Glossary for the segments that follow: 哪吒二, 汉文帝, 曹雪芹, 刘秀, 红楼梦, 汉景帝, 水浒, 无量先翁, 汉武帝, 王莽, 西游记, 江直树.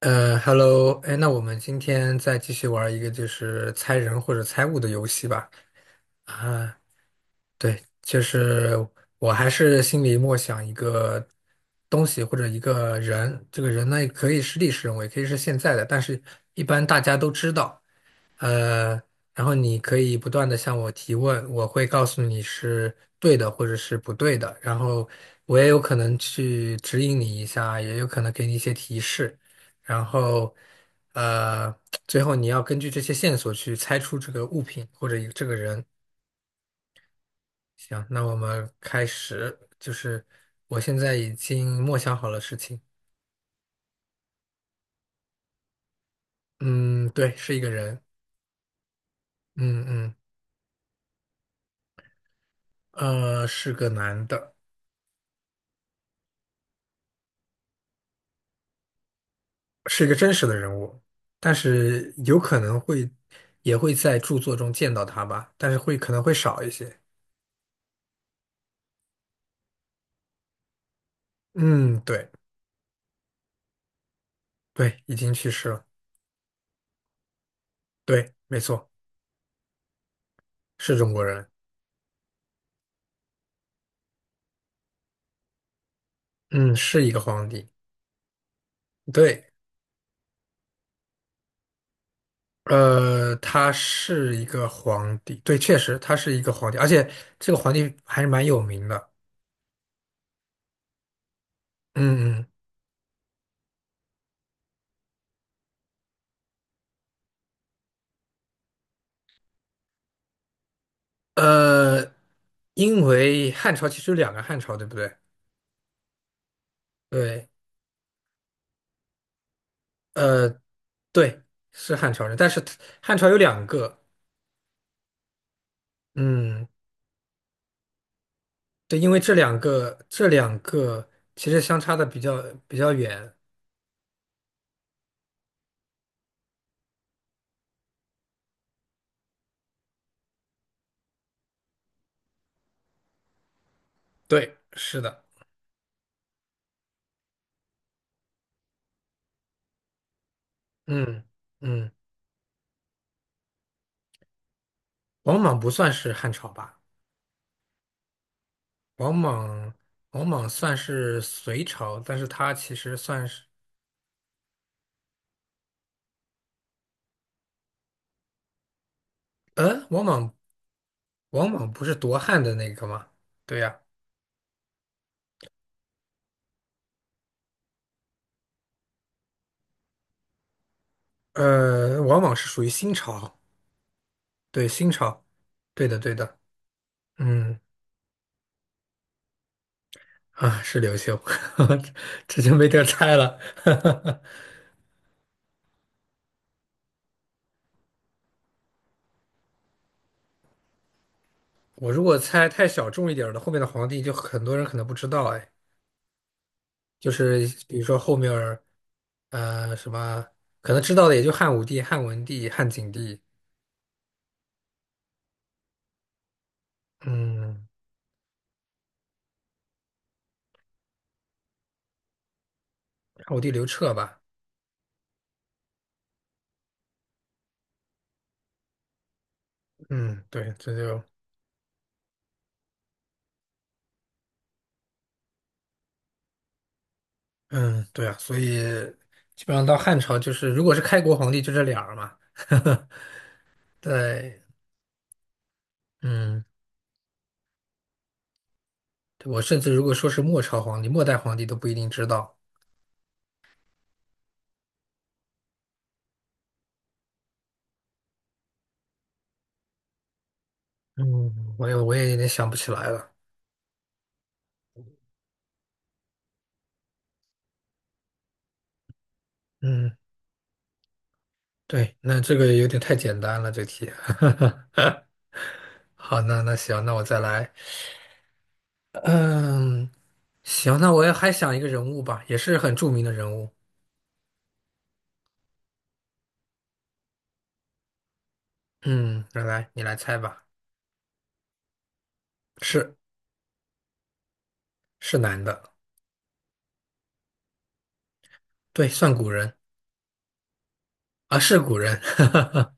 Hello，哎，那我们今天再继续玩一个就是猜人或者猜物的游戏吧。啊，对，就是我还是心里默想一个东西或者一个人，这个人呢也可以是历史人物，也可以是现在的，但是一般大家都知道。呃，然后你可以不断的向我提问，我会告诉你是对的或者是不对的，然后我也有可能去指引你一下，也有可能给你一些提示，然后呃，最后你要根据这些线索去猜出这个物品或者一这个人。行，那我们开始，就是我现在已经默想好了事情。嗯，对，是一个人。嗯嗯，是个男的，是一个真实的人物，但是有可能会也会在著作中见到他吧，但是会可能会少一些。嗯，对对，已经去世了。对，没错，是中国人。嗯，是一个皇帝。对。呃，他是一个皇帝，对，确实他是一个皇帝，而且这个皇帝还是蛮有名的。嗯嗯，呃，因为汉朝其实有两个汉朝，对不对？对，呃，对，是汉朝人，但是他汉朝有两个，嗯，对，因为这两个其实相差的比较比较远。对，是的，嗯嗯，王莽不算是汉朝吧？王莽，王莽算是隋朝，但是他其实算是，呃，王莽，王莽不是夺汉的那个吗？对呀，王莽是属于新朝，对，新朝，对的，对的，嗯，啊，是刘秀，这就没得猜了。我如果猜太小众一点儿的，后面的皇帝就很多人可能不知道，哎，就是比如说后面儿呃，什么可能知道的也就汉武帝、汉文帝、汉景帝，嗯。我地刘彻吧，嗯，对，这就，嗯，对啊，所以基本上到汉朝就是，如果是开国皇帝就这俩儿嘛，对，嗯，我甚至如果说是末朝皇帝、末代皇帝都不一定知道，嗯，我也有点想不起来了，嗯，对，那这个有点太简单了，这题，好，那行，那我再来，嗯，行，那我也还想一个人物吧，也是很著名的人物，嗯，来来，你来猜吧，是。是男的，对，算古人啊，是古人。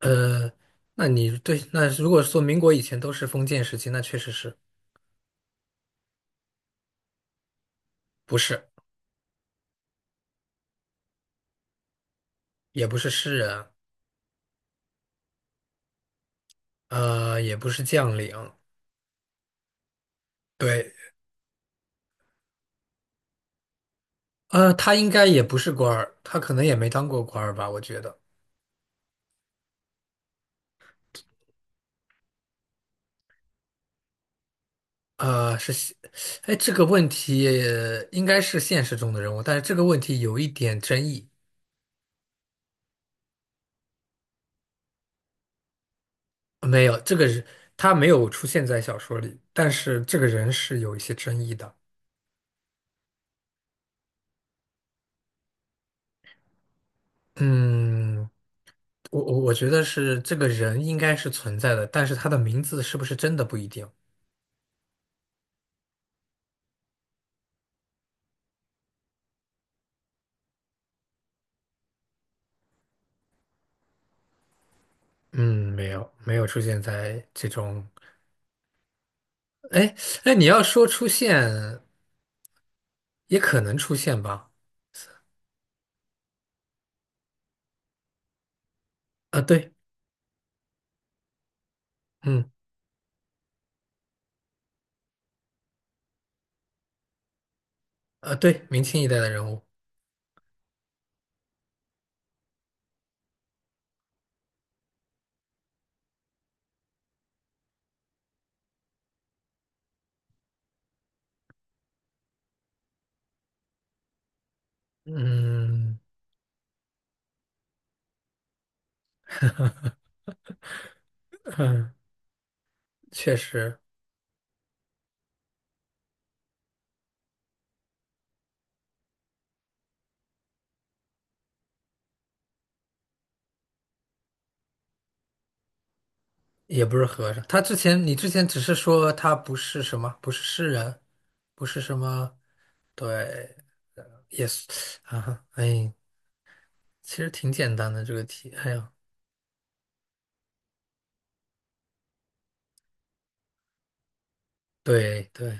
呃，那你对，那如果说民国以前都是封建时期，那确实是不是，也不是诗人，也不是将领，对，他应该也不是官儿，他可能也没当过官儿吧，我觉得，呃，是现，哎，这个问题应该是现实中的人物，但是这个问题有一点争议，没有，这个人他没有出现在小说里，但是这个人是有一些争议的，嗯。我觉得是这个人应该是存在的，但是他的名字是不是真的不一定。嗯，没有没有出现在这种，哎哎，你要说出现，也可能出现吧。啊，对，嗯，啊，对，明清一代的人物，嗯嗯，确实也不是和尚。他之前你之前只是说他不是什么，不是诗人，不是什么，对，也是啊，哎，其实挺简单的这个题，哎呀，对对。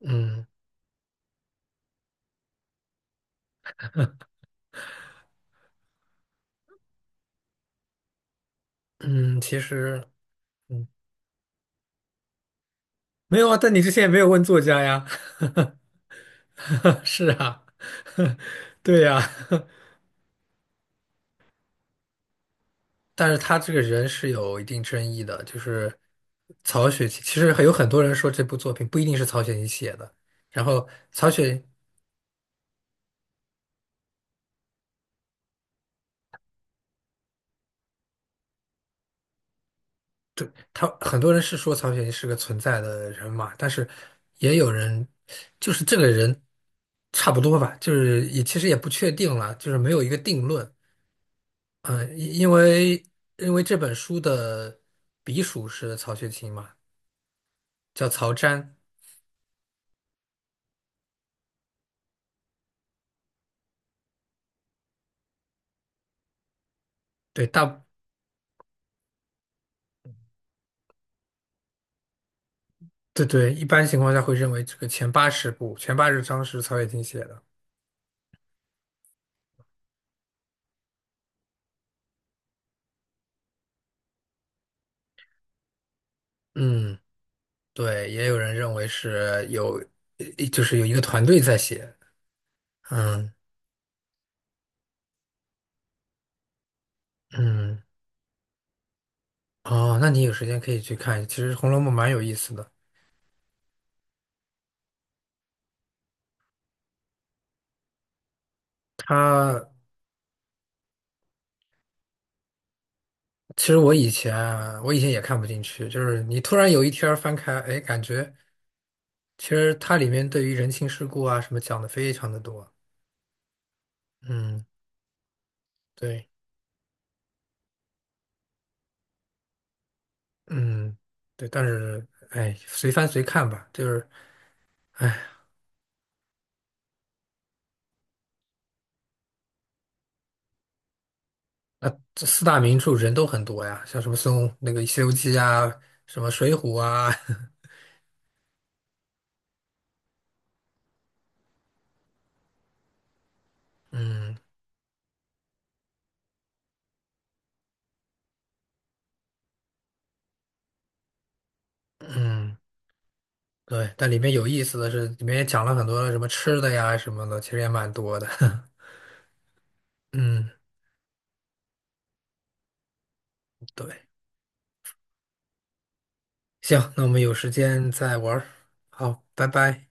嗯。嗯，其实，嗯，没有啊，但你之前也没有问作家呀，是啊，对呀，但是他这个人是有一定争议的，就是曹雪芹，其实很有很多人说这部作品不一定是曹雪芹写的，然后曹雪，对，他很多人是说曹雪芹是个存在的人嘛，但是也有人就是这个人差不多吧，就是也其实也不确定了，就是没有一个定论。嗯，因为这本书的笔属是曹雪芹嘛，叫曹詹。对，大对对，一般情况下会认为这个前80部、前80章是曹雪芹写的。嗯，对，也有人认为是有，就是有一个团队在写。嗯嗯，哦，那你有时间可以去看，其实《红楼梦》蛮有意思的。它其实我以前也看不进去，就是你突然有一天儿翻开，哎，感觉。其实它里面对于人情世故啊什么讲的非常的多，嗯，对，嗯，对，但是哎，随翻随看吧，就是哎，那这四大名著人都很多呀，像什么孙悟那个《西游记》啊，什么《水浒》啊，嗯嗯，对，但里面有意思的是，里面也讲了很多什么吃的呀什么的，其实也蛮多的，嗯，对，行，那我们有时间再玩儿，好，拜拜。